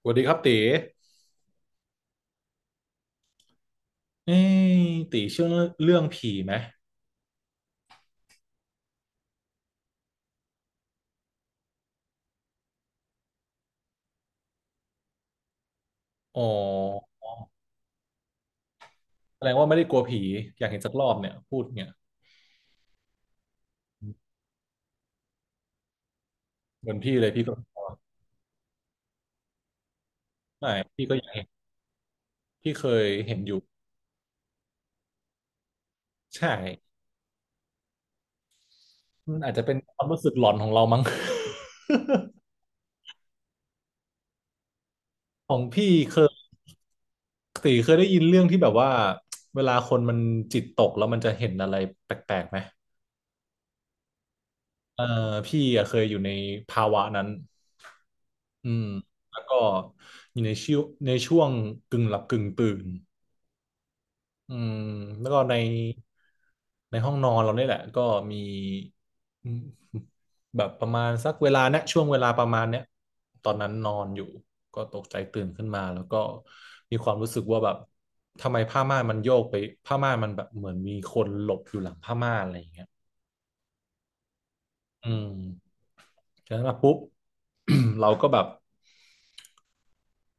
สวัสดีครับตีเอ้ยตีเชื่อเรื่องผีไหมอ๋อแสดงว่าไม่ได้กลัวผีอยากเห็นสักรอบเนี่ยพูดเนี่ยเหมือนพี่เลยพี่ก็ไม่พี่ก็อยากเห็นพี่เคยเห็นอยู่ใช่มันอาจจะเป็นความรู้สึกหลอนของเรามั้ง ของพี่เคยตีเคยได้ยินเรื่องที่แบบว่าเวลาคนมันจิตตกแล้วมันจะเห็นอะไรแปลกๆไหมเออพี่เคยอยู่ในภาวะนั้นอืมแล้วก็อยู่ในช่วงกึ่งหลับกึ่งตื่น อืมแล้วก็ในห้องนอนเราเนี่ยแหละก็มีอืมแบบประมาณสักเวลาเนี้ยช่วงเวลาประมาณเนี้ยตอนนั้นนอนอยู่ก็ตกใจตื่นขึ้นมาแล้วก็มีความรู้สึกว่าแบบทำไมผ้าม่านมันโยกไปผ้าม่านมันแบบเหมือนมีคนหลบอยู่หลังผ้าม่านอะไรอย่างเงี้ยอืมจากนั้นมาปุ๊บ เราก็แบบ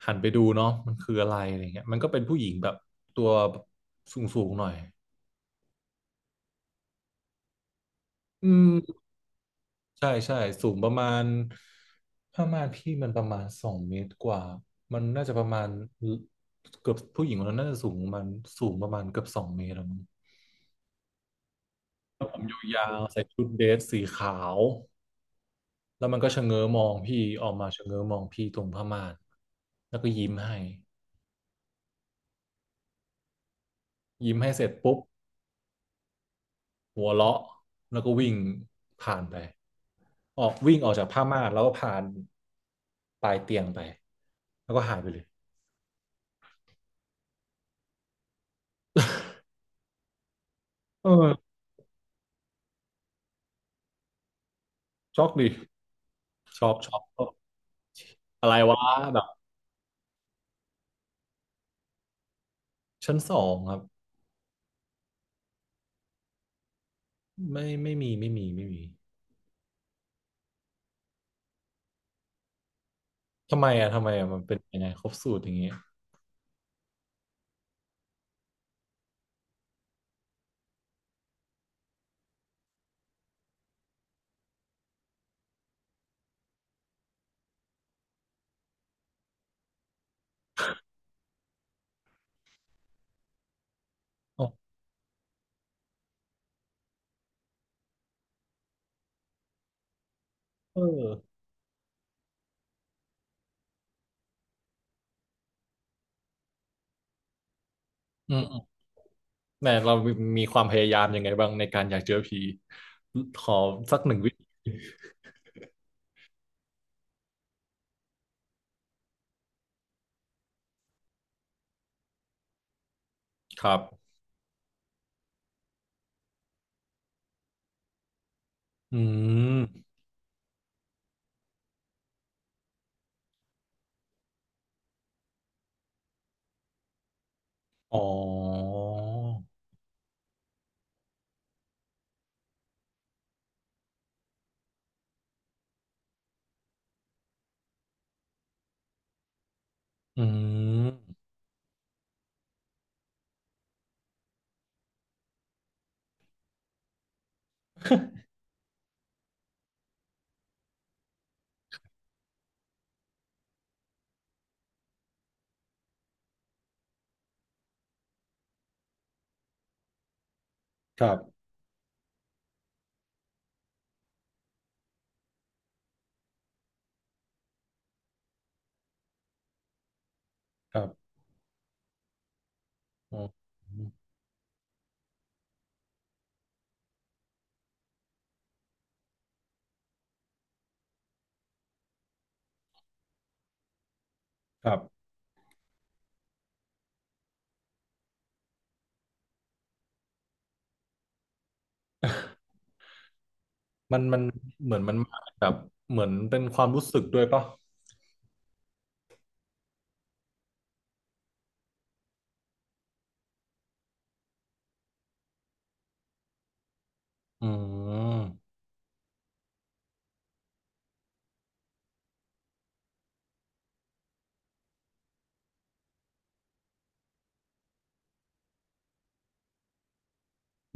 หันไปดูเนาะมันคืออะไรอะไรเงี้ยมันก็เป็นผู้หญิงแบบตัวสูงสูงหน่อยอืม ใช่ใช่สูงประมาณผ้าม่านพี่มันประมาณสองเมตรกว่ามันน่าจะประมาณเกือบผู้หญิงคนนั้นน่าจะสูงประมาณเกือบสองเมตรแล้วมั้งยาวใส่ชุดเดรสสีขาวแล้วมันก็ชะเง้อมองพี่ออกมาชะเง้อมองพี่ตรงผ้าม่านแล้วก็ยิ้มให้ยิ้มให้เสร็จปุ๊บหัวเราะแล้วก็วิ่งผ่านไปออกวิ่งออกจากผ้าม่านแล้วก็ผ่านปลายเตียงไปแล้วก็หายไปเลยเออช็อกดิ ชอบชอบชอบอะไรวะแบบชั้น 2ครับไม่มีทำไมอ่ะมันเป็นยังไงครบสูตรอย่างเงี้ยอ๋อเอออืมอืมแหมเรามีความพยายามยังไงบ้างในการอยากเจอผีขอสักหนึ่งวิธีครับอืมอ๋ออืม ครับครับอ๋อครับมันเหมือนมันมาแบบเหมือนเป็นความรู้สึกด้วยป่ะอืม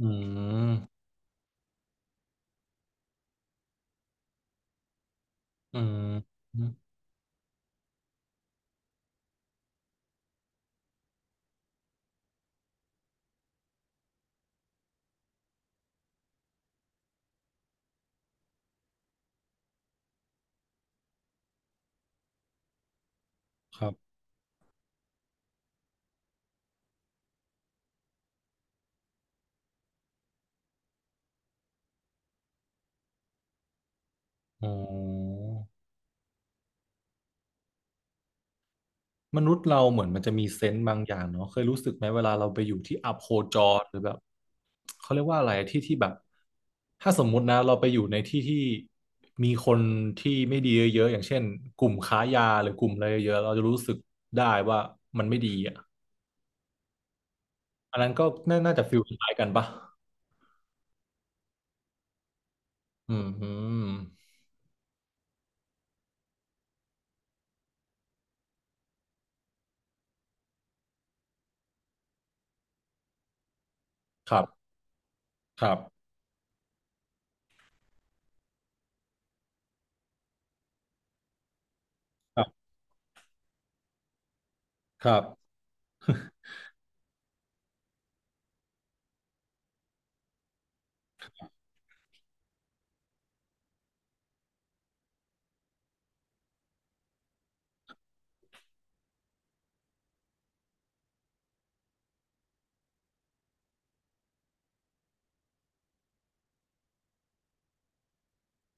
อืม อืมครับอ๋อมนุษย์เราเหมือนมันจะมีเซนส์บางอย่างเนาะเคยรู้สึกไหมเวลาเราไปอยู่ที่อัพโคจรหรือแบบเขาเรียกว่าอะไรที่แบบถ้าสมมุตินะเราไปอยู่ในที่ที่มีคนที่ไม่ดีเยอะๆอย่างเช่นกลุ่มค้ายาหรือกลุ่มอะไรเยอะๆเราจะรู้สึกได้ว่ามันไม่ดีอ่ะอันนั้นก็น่าจะฟิลคล้ายกันปะอืมอืมครับครับครับครับ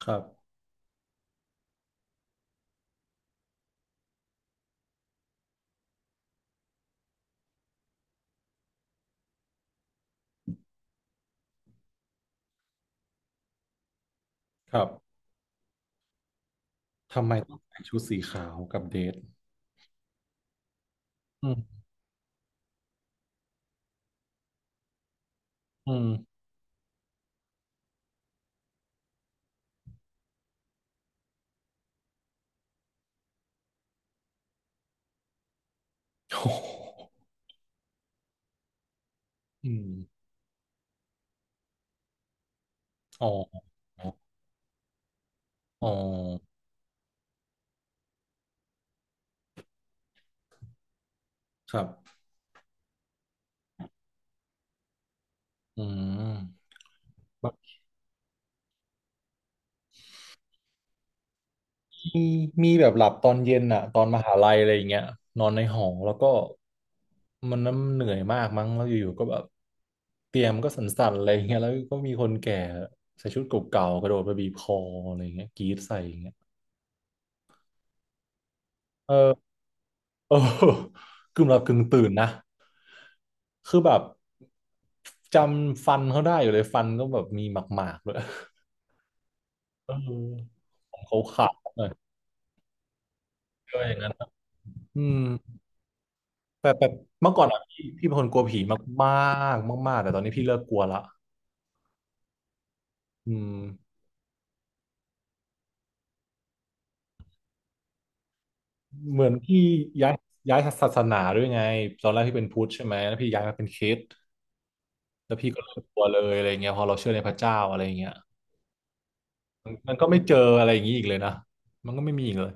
ครับครับทำไมต้องใส่ชุดสีขาวกับเดทอืมอืม โอ้โหอืมอ๋ออ๋อครับอืมบางทีมีแบบหลับตอนเย็นอะตอนมหาลัยอะไรอย่างเงี้ยนอนในหอแล้วก็มันน้ำเหนื่อยมากมั้งแล้วอยู่ๆก็แบบเตียงมนก็สั่นๆอะไรอย่างเงี้ยแล้วก็มีคนแก่ใส่ชุดเก่าๆกระโดดมาบีบคออะไรอย่างเงี้ยกรี๊ดใส่อย่างเงี้ยเออเออกึ่งหลับกึ่งตื่นนะคือแบบจำฟันเขาได้อยู่เลยฟันก็แบบมีหมากๆเลยเออ เขาขาดหน่อยเยอย่างนั้นนะอืมแต่แบบเมื่อก่อนอะพี่เป็นคนกลัวผีมากๆมากๆแต่ตอนนี้พี่เลิกกลัวละอืมเหมือนพี่ย้ายย้ายศาสนาด้วยไงตอนแรกพี่เป็นพุทธใช่ไหมแล้วพี่ย้ายมาเป็นคริสต์แล้วพี่ก็เลิกกลัวเลยอะไรเงี้ยพอเราเชื่อในพระเจ้าอะไรเงี้ยมันก็ไม่เจออะไรอย่างนี้อีกเลยนะมันก็ไม่มีอีกเลย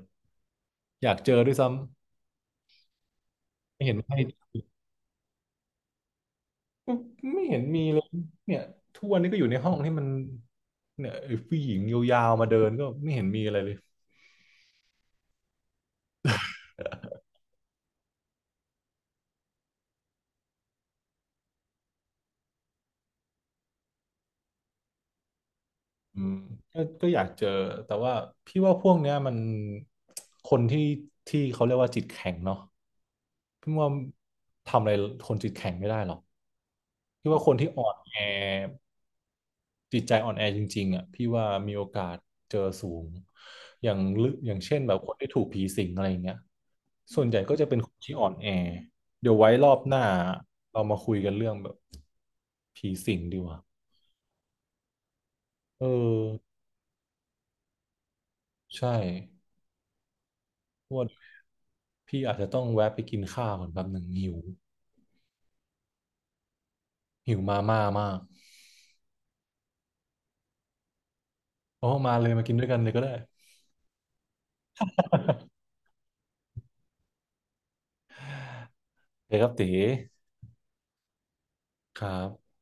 อยากเจอด้วยซ้ำไม่เห็นมีเลยเนี่ยทุกวันนี้ก็อยู่ในห้องที่มันเนี่ยไอ้ผู้หญิงยาวๆมาเดินก็ไม่เห็นมีอะไรเลย อืมก็อยากเจอแต่ว่าพี่ว่าพวกเนี้ยมันคนที่เขาเรียกว่าจิตแข็งเนาะพี่ว่าทำอะไรคนจิตแข็งไม่ได้หรอกพี่ว่าคนที่อ่อนแอจิตใจอ่อนแอจริงๆอ่ะพี่ว่ามีโอกาสเจอสูงอย่างลึกอย่างเช่นแบบคนที่ถูกผีสิงอะไรอย่างเงี้ยส่วนใหญ่ก็จะเป็นคนที่อ่อนแอเดี๋ยวไว้รอบหน้าเรามาคุยกันเรื่องแบบผีสิงดีกว่าเออใช่ว่า พี่อาจจะต้องแวะไปกินข้าวก่อนแป๊บหนึ่งหิวหิวมาม่ามากโอ้มาเลยมากินด้วยกันเลยก็ได้ โอเคครับตีครับ